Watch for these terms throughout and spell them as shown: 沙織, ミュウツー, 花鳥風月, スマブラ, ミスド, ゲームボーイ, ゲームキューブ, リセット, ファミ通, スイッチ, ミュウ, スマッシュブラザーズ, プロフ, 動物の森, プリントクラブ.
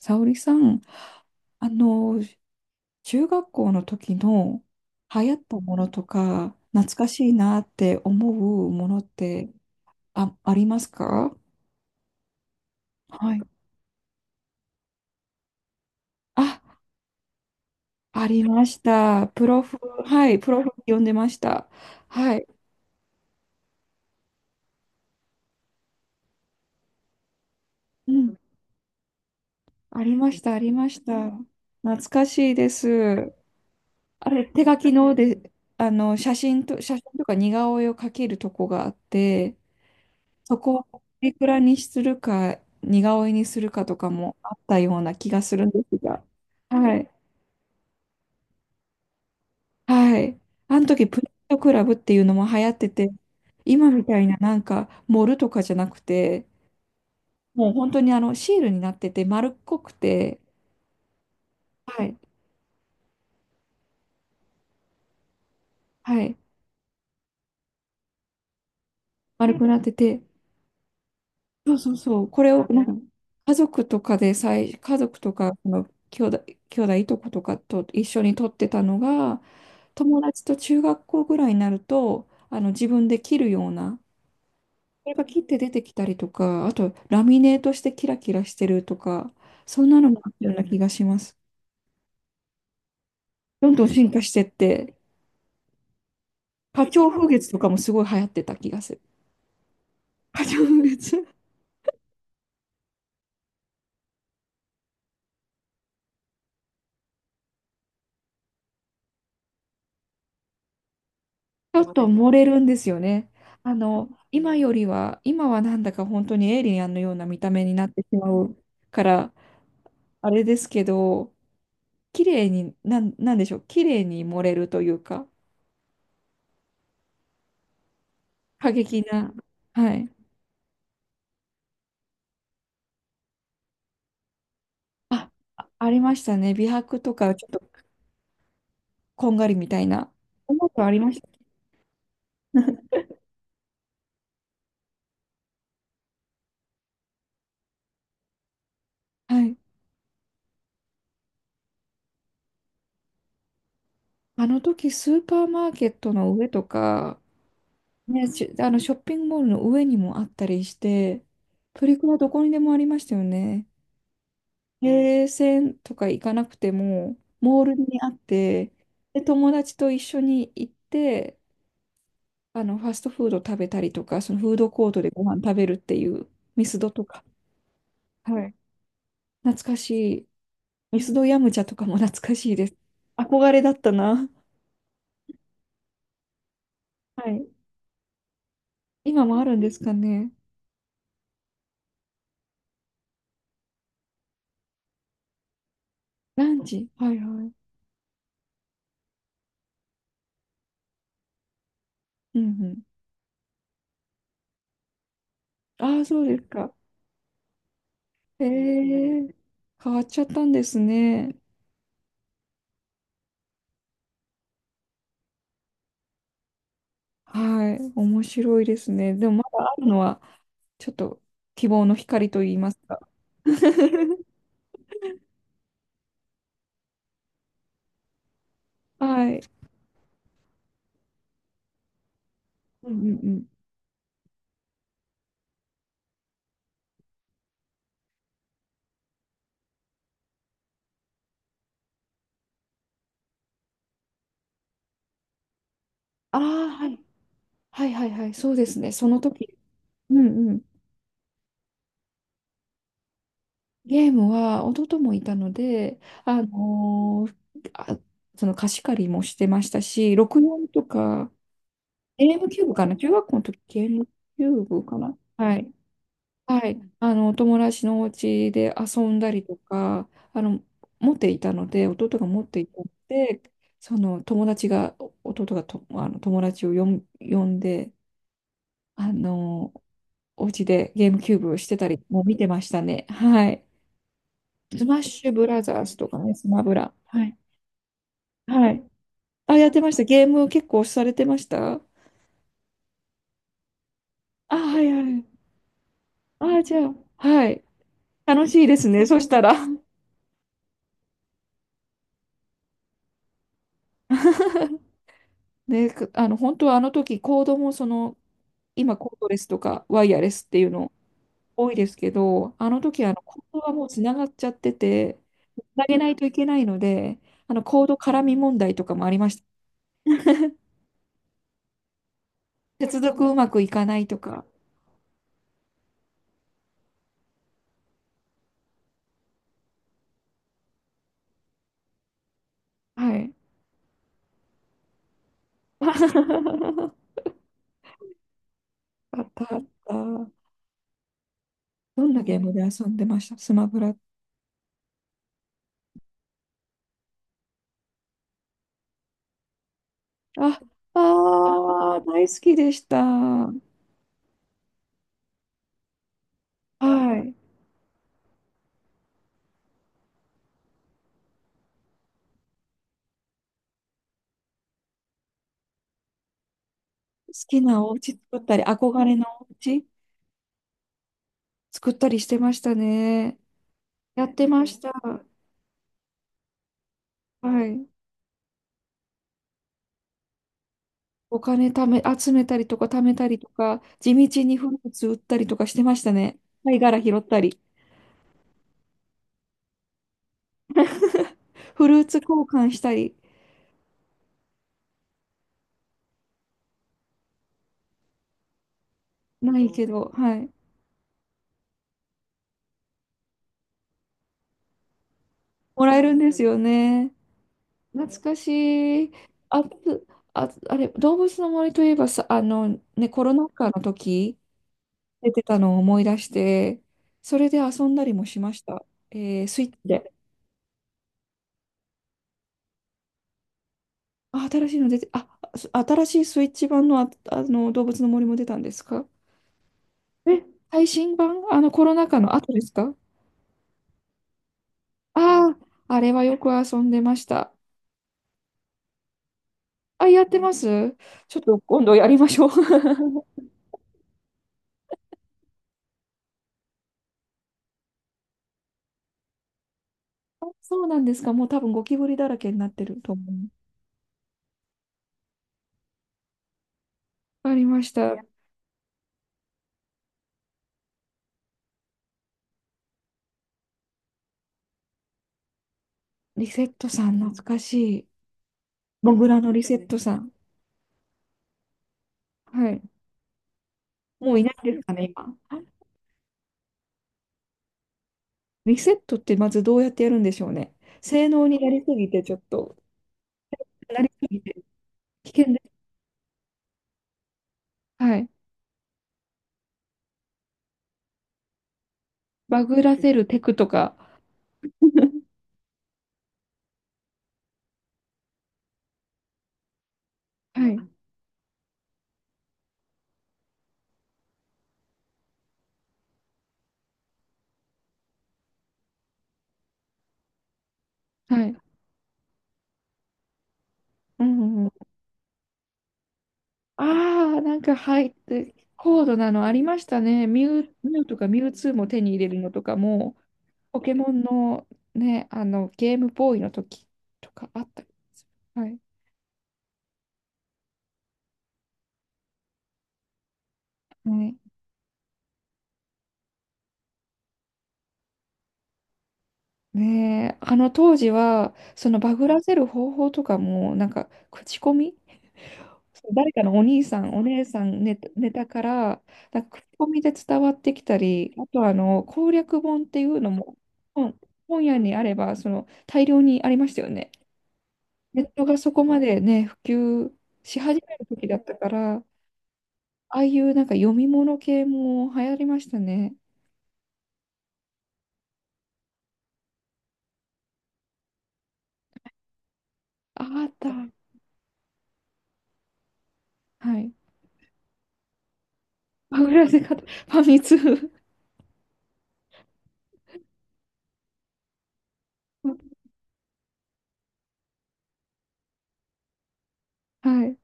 沙織さん、あの、中学校の時の流行ったものとか、懐かしいなって思うものって、ありますか？はい。あ、ありました。プロフ、はい、プロフ読んでました。はい。うん。ありました、ありました。懐かしいです。あれ、手書きので、写真とか似顔絵を描けるとこがあって、そこをいくらにするか、似顔絵にするかとかもあったような気がするんですが。はい。はい。あの時、プリントクラブっていうのも流行ってて、今みたいななんか、盛るとかじゃなくて、もう本当にシールになってて、丸っこくて、はい。はい。丸くなってて、そうそうそう。これを、なんか、ね家族とかでさい、家族とか、その兄弟、いとことかと一緒に撮ってたのが、友達と中学校ぐらいになると、自分で切るような、これが切って出てきたりとか、あと、ラミネートしてキラキラしてるとか、そんなのもあったような気がします。どんどん進化してって、花鳥風月とかもすごい流行ってた気がする。花鳥風月ちょっと漏れるんですよね。今よりは、今はなんだか本当にエイリアンのような見た目になってしまうから、あれですけど、綺麗に、なんでしょう、綺麗に漏れるというか、過激な、はい。あ、ありましたね。美白とか、ちょっとこんがりみたいな。そんなことありました。はい。あの時、スーパーマーケットの上とか、ね、しあのショッピングモールの上にもあったりして、プリクラどこにでもありましたよね。ゲーセとか行かなくても、モールにあって、で、友達と一緒に行って、ファストフード食べたりとか、そのフードコートでご飯食べるっていう、ミスドとか、はい。懐かしい。ミスドヤムチャとかも懐かしいです。憧れだったな。はい。今もあるんですかね。ランチ。はいはい。うんうん。ああ、そうですか。へえ、変わっちゃったんですね。はい。面白いですね。でもまだあるのは、ちょっと希望の光と言いますか。はい。うんうんうん。ああ、はい。はいはいはい。そうですね。その時。うんうん。ゲームは弟もいたので、あのーあ、その貸し借りもしてましたし、6年とか、ゲームキューブかな中学校の時、ゲームキューブかなはい。はい、お友達のお家で遊んだりとか、あの、持っていたので、弟が持っていたので、その友達が、弟がと、あの友達を呼んで、あの、お家でゲームキューブをしてたりもう見てましたね。はい。スマッシュブラザーズとかね、スマブラ。はい。はい。あ、やってました。ゲーム結構されてました？あ、はいはい。あ、じゃあ、はい。楽しいですね。そしたら。で、く本当はあの時コードもその、今コードレスとかワイヤレスっていうの多いですけど、あの時あのコードはもうつながっちゃってて、つなげないといけないので、あのコード絡み問題とかもありました。接続うまくいかないとか。はい。あったあった。どんなゲームで遊んでましたスマブラ。あ、ああ、大好きでした。はい。好きなお家作ったり、憧れのお家作ったりしてましたね。やってました。はい。お金貯め、集めたりとか貯めたりとか、地道にフルーツ売ったりとかしてましたね。貝殻拾ったり、フルーツ交換したり、ないけど、はい。もらえるんですよね。懐かしい。あ、あれ、動物の森といえばさ、ね、コロナ禍の時、出てたのを思い出して、それで遊んだりもしました。スイッチで。あ、新しいの出て、あ、す新しいスイッチ版の、あ、あの動物の森も出たんですか？え、最新版あのコロナ禍の後ですか？ああー、あれはよく遊んでました。あ、やってます？ちょっと今度やりましょう。そうなんですか？もう多分ゴキブリだらけになってると思う。わかりました。リセットさん、懐かしい。モグラのリセットさん。はい。もういないですかね、今。リセットってまずどうやってやるんでしょうね。性能になりすぎて、ちょっと、なりすぎて、危険はい。バグらせるテクとか。はい。はい。うんうん。ああ、なんか、はい。高度なのありましたね。ミュウとかミュウツーも手に入れるのとかも、ポケモンのね、ゲームボーイの時とかあったりする。はい。はいねえ、あの当時は、そのバグらせる方法とかも、なんか、口コミ。 そう誰かのお兄さん、お姉さんネタから、なんか口コミで伝わってきたり、あとあの攻略本っていうのも、本、本屋にあればその大量にありましたよね。ネットがそこまでね、普及し始める時だったから、ああいうなんか読み物系も流行りましたね。ああった。はい。パグらせ方、ファミ通。はい。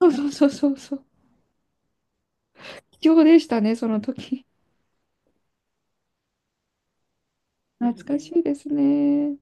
そうそうそうそうそう。貴重でしたね、その時。懐かしいですね。